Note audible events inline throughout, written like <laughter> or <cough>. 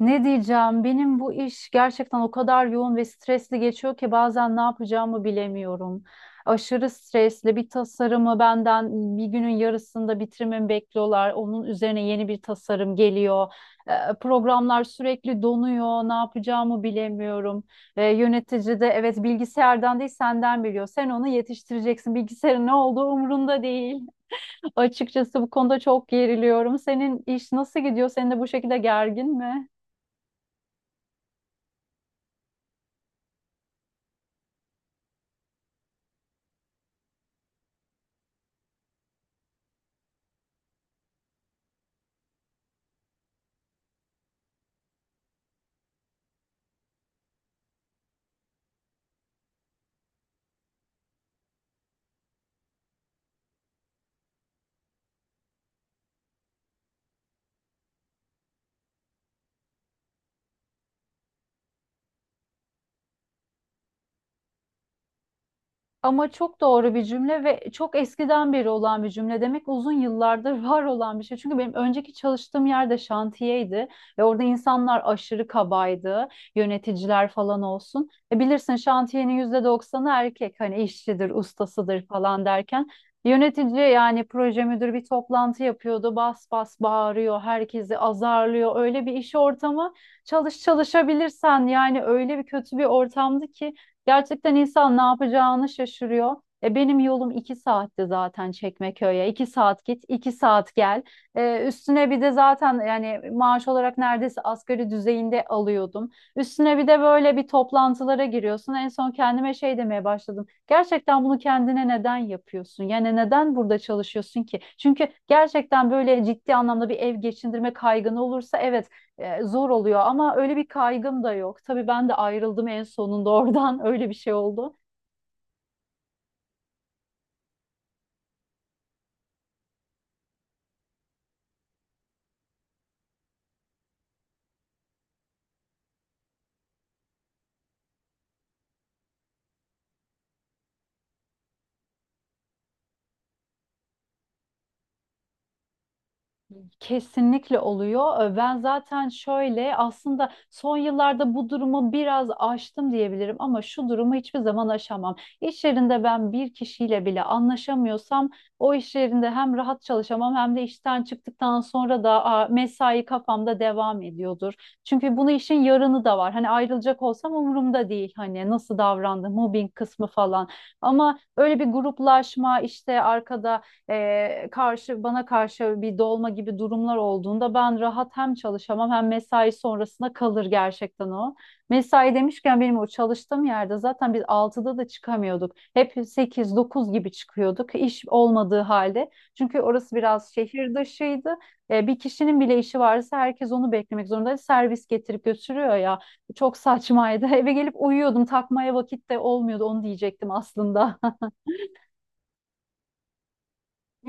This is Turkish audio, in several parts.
Ne diyeceğim? Benim bu iş gerçekten o kadar yoğun ve stresli geçiyor ki bazen ne yapacağımı bilemiyorum. Aşırı stresli bir tasarımı benden bir günün yarısında bitirmemi bekliyorlar. Onun üzerine yeni bir tasarım geliyor. Programlar sürekli donuyor. Ne yapacağımı bilemiyorum. Yönetici de evet bilgisayardan değil senden biliyor. Sen onu yetiştireceksin. Bilgisayarın ne olduğu umurunda değil. <laughs> Açıkçası bu konuda çok geriliyorum. Senin iş nasıl gidiyor? Senin de bu şekilde gergin mi? Ama çok doğru bir cümle ve çok eskiden beri olan bir cümle demek uzun yıllardır var olan bir şey. Çünkü benim önceki çalıştığım yerde şantiyeydi ve orada insanlar aşırı kabaydı, yöneticiler falan olsun. E bilirsin şantiyenin %90'ı erkek hani işçidir, ustasıdır falan derken yönetici yani proje müdürü bir toplantı yapıyordu. Bas bas bağırıyor, herkesi azarlıyor. Öyle bir iş ortamı çalışabilirsen yani öyle bir kötü bir ortamdı ki gerçekten insan ne yapacağını şaşırıyor. E benim yolum iki saatti zaten Çekmeköy'e. İki saat git, iki saat gel. Üstüne bir de zaten yani maaş olarak neredeyse asgari düzeyinde alıyordum. Üstüne bir de böyle bir toplantılara giriyorsun. En son kendime şey demeye başladım. Gerçekten bunu kendine neden yapıyorsun? Yani neden burada çalışıyorsun ki? Çünkü gerçekten böyle ciddi anlamda bir ev geçindirme kaygını olursa evet, zor oluyor ama öyle bir kaygım da yok. Tabii ben de ayrıldım en sonunda oradan <laughs> öyle bir şey oldu. Kesinlikle oluyor. Ben zaten şöyle aslında son yıllarda bu durumu biraz aştım diyebilirim ama şu durumu hiçbir zaman aşamam. İş yerinde ben bir kişiyle bile anlaşamıyorsam o iş yerinde hem rahat çalışamam hem de işten çıktıktan sonra da mesai kafamda devam ediyordur. Çünkü bunu işin yarını da var. Hani ayrılacak olsam umurumda değil. Hani nasıl davrandı, mobbing kısmı falan. Ama öyle bir gruplaşma işte arkada e, karşı bana karşı bir dolma gibi durumlar olduğunda ben rahat hem çalışamam hem mesai sonrasına kalır gerçekten o. Mesai demişken benim o çalıştığım yerde zaten biz altıda da çıkamıyorduk. Hep sekiz dokuz gibi çıkıyorduk iş olmadığı halde. Çünkü orası biraz şehir dışıydı. Bir kişinin bile işi varsa herkes onu beklemek zorunda. Servis getirip götürüyor ya. Çok saçmaydı. <laughs> Eve gelip uyuyordum. Takmaya vakit de olmuyordu. Onu diyecektim aslında.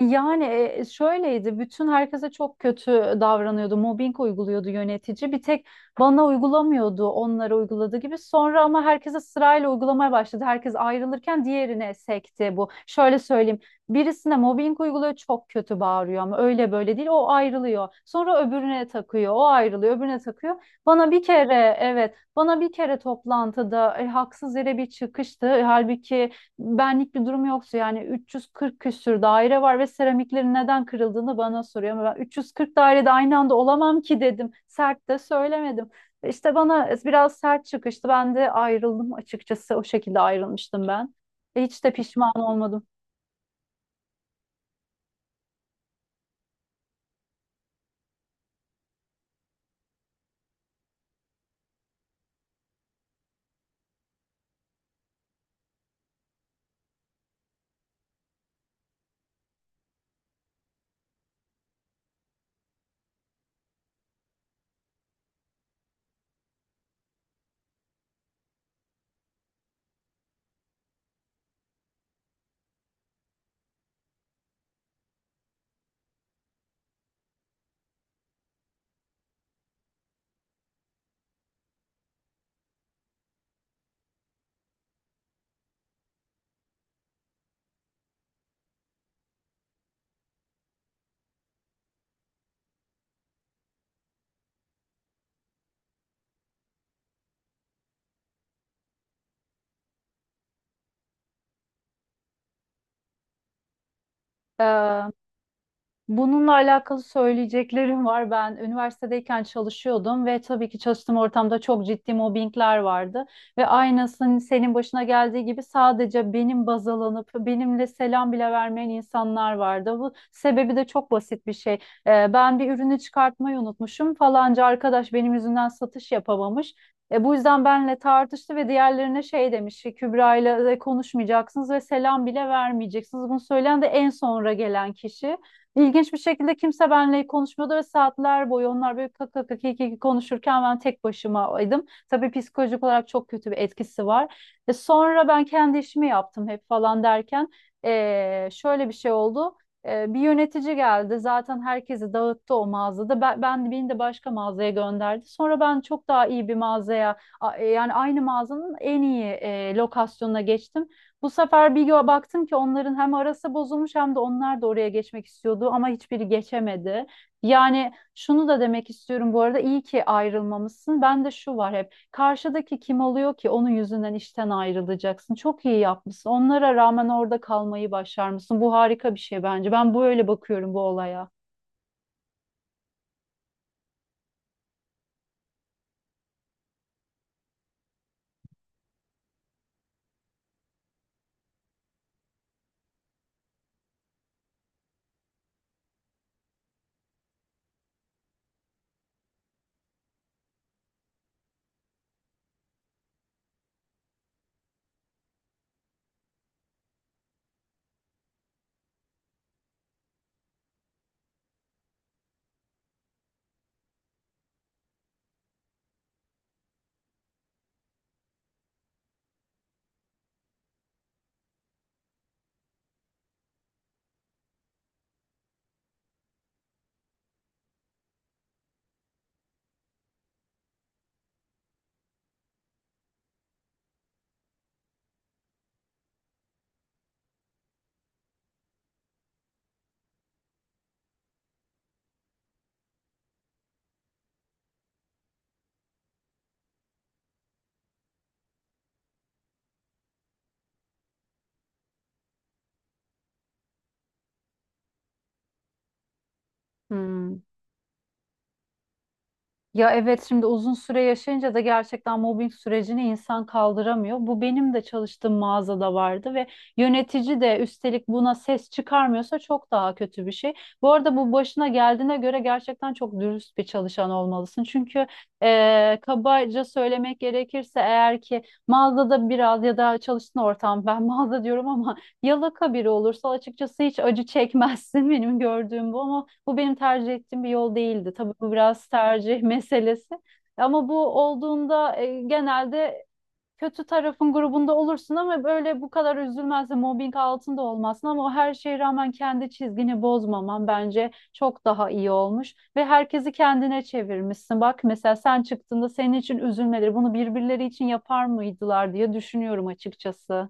Yani şöyleydi, bütün herkese çok kötü davranıyordu, mobbing uyguluyordu yönetici. Bir tek bana uygulamıyordu, onlara uyguladığı gibi. Sonra ama herkese sırayla uygulamaya başladı. Herkes ayrılırken diğerine sekti bu. Şöyle söyleyeyim, birisine mobbing uyguluyor, çok kötü bağırıyor ama öyle böyle değil, o ayrılıyor. Sonra öbürüne takıyor, o ayrılıyor, öbürüne takıyor. Bana bir kere, evet, bana bir kere toplantıda haksız yere bir çıkıştı. Halbuki benlik bir durum yoksa yani 340 küsür daire var ve seramiklerin neden kırıldığını bana soruyor. Ama ben 340 dairede aynı anda olamam ki dedim. Sert de söylemedim. İşte bana biraz sert çıkıştı. Ben de ayrıldım açıkçası. O şekilde ayrılmıştım ben. Hiç de pişman olmadım. Ee, Bununla alakalı söyleyeceklerim var. Ben üniversitedeyken çalışıyordum ve tabii ki çalıştığım ortamda çok ciddi mobbingler vardı. Ve aynısının senin başına geldiği gibi sadece benim baz alınıp benimle selam bile vermeyen insanlar vardı. Bu sebebi de çok basit bir şey. Ben bir ürünü çıkartmayı unutmuşum. Falanca arkadaş benim yüzümden satış yapamamış. Bu yüzden benle tartıştı ve diğerlerine şey demiş, Kübra ile konuşmayacaksınız ve selam bile vermeyeceksiniz. Bunu söyleyen de en sonra gelen kişi. İlginç bir şekilde kimse benimle konuşmuyordu ve saatler boyu onlar böyle kak kak kak kik konuşurken ben tek başımaydım. Tabii psikolojik olarak çok kötü bir etkisi var. E sonra ben kendi işimi yaptım hep falan derken şöyle bir şey oldu. Bir yönetici geldi zaten herkesi dağıttı o mağazada. Ben, beni de başka mağazaya gönderdi. Sonra ben çok daha iyi bir mağazaya yani aynı mağazanın en iyi lokasyonuna geçtim. Bu sefer baktım ki onların hem arası bozulmuş hem de onlar da oraya geçmek istiyordu ama hiçbiri geçemedi. Yani şunu da demek istiyorum bu arada iyi ki ayrılmamışsın. Ben de şu var hep karşıdaki kim oluyor ki onun yüzünden işten ayrılacaksın. Çok iyi yapmışsın. Onlara rağmen orada kalmayı başarmışsın. Bu harika bir şey bence. Ben böyle bakıyorum bu olaya. Hmm. Ya evet şimdi uzun süre yaşayınca da gerçekten mobbing sürecini insan kaldıramıyor. Bu benim de çalıştığım mağazada vardı ve yönetici de üstelik buna ses çıkarmıyorsa çok daha kötü bir şey. Bu arada bu başına geldiğine göre gerçekten çok dürüst bir çalışan olmalısın. Çünkü kabaca söylemek gerekirse eğer ki mağazada biraz ya da çalıştığın ortam ben <laughs> mağaza diyorum ama yalaka biri olursa açıkçası hiç acı çekmezsin <laughs> benim gördüğüm bu ama bu benim tercih ettiğim bir yol değildi. Tabii bu biraz tercih <laughs> meselesi ama bu olduğunda genelde kötü tarafın grubunda olursun ama böyle bu kadar üzülmezsin, mobbing altında olmazsın ama o her şeye rağmen kendi çizgini bozmaman bence çok daha iyi olmuş ve herkesi kendine çevirmişsin. Bak mesela sen çıktığında senin için üzülmeleri bunu birbirleri için yapar mıydılar diye düşünüyorum açıkçası.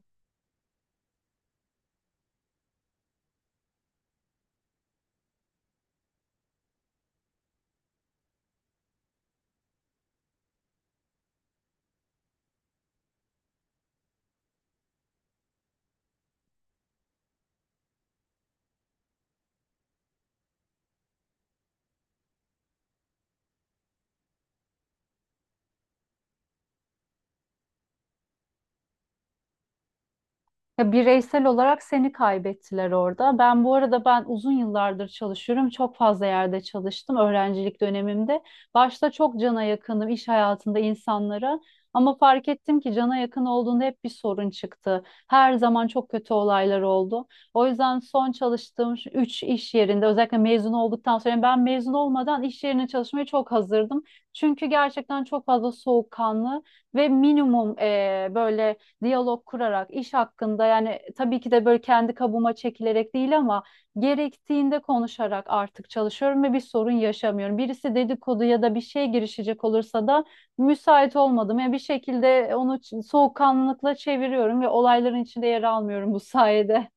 Ya bireysel olarak seni kaybettiler orada. Ben bu arada uzun yıllardır çalışıyorum. Çok fazla yerde çalıştım öğrencilik dönemimde. Başta çok cana yakınım iş hayatında insanlara. Ama fark ettim ki cana yakın olduğunda hep bir sorun çıktı. Her zaman çok kötü olaylar oldu. O yüzden son çalıştığım şu 3 iş yerinde özellikle mezun olduktan sonra yani ben mezun olmadan iş yerine çalışmaya çok hazırdım. Çünkü gerçekten çok fazla soğukkanlı ve minimum böyle diyalog kurarak iş hakkında yani tabii ki de böyle kendi kabuğuma çekilerek değil ama gerektiğinde konuşarak artık çalışıyorum ve bir sorun yaşamıyorum. Birisi dedikodu ya da bir şey girişecek olursa da müsait olmadım. Yani bir şekilde soğukkanlılıkla çeviriyorum ve olayların içinde yer almıyorum bu sayede.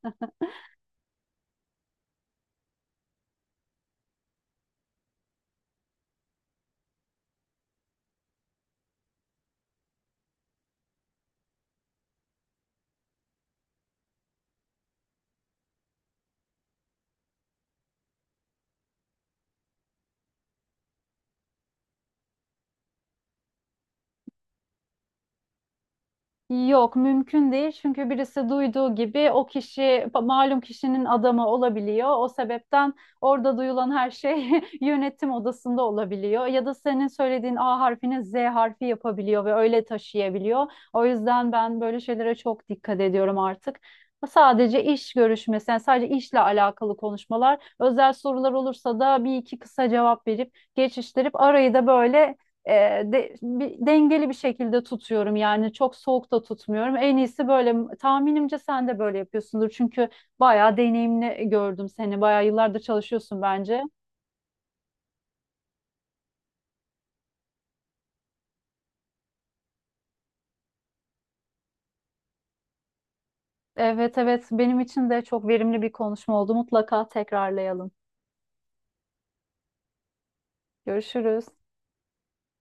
Yok mümkün değil çünkü birisi duyduğu gibi o kişi malum kişinin adamı olabiliyor. O sebepten orada duyulan her şey <laughs> yönetim odasında olabiliyor. Ya da senin söylediğin A harfini Z harfi yapabiliyor ve öyle taşıyabiliyor. O yüzden ben böyle şeylere çok dikkat ediyorum artık. Sadece iş görüşmesi, yani sadece işle alakalı konuşmalar, özel sorular olursa da bir iki kısa cevap verip geçiştirip arayı da böyle e, dengeli bir şekilde tutuyorum yani çok soğuk da tutmuyorum. En iyisi böyle tahminimce sen de böyle yapıyorsundur çünkü bayağı deneyimli gördüm seni bayağı yıllardır çalışıyorsun bence. Evet, evet, benim için de çok verimli bir konuşma oldu mutlaka tekrarlayalım. Görüşürüz.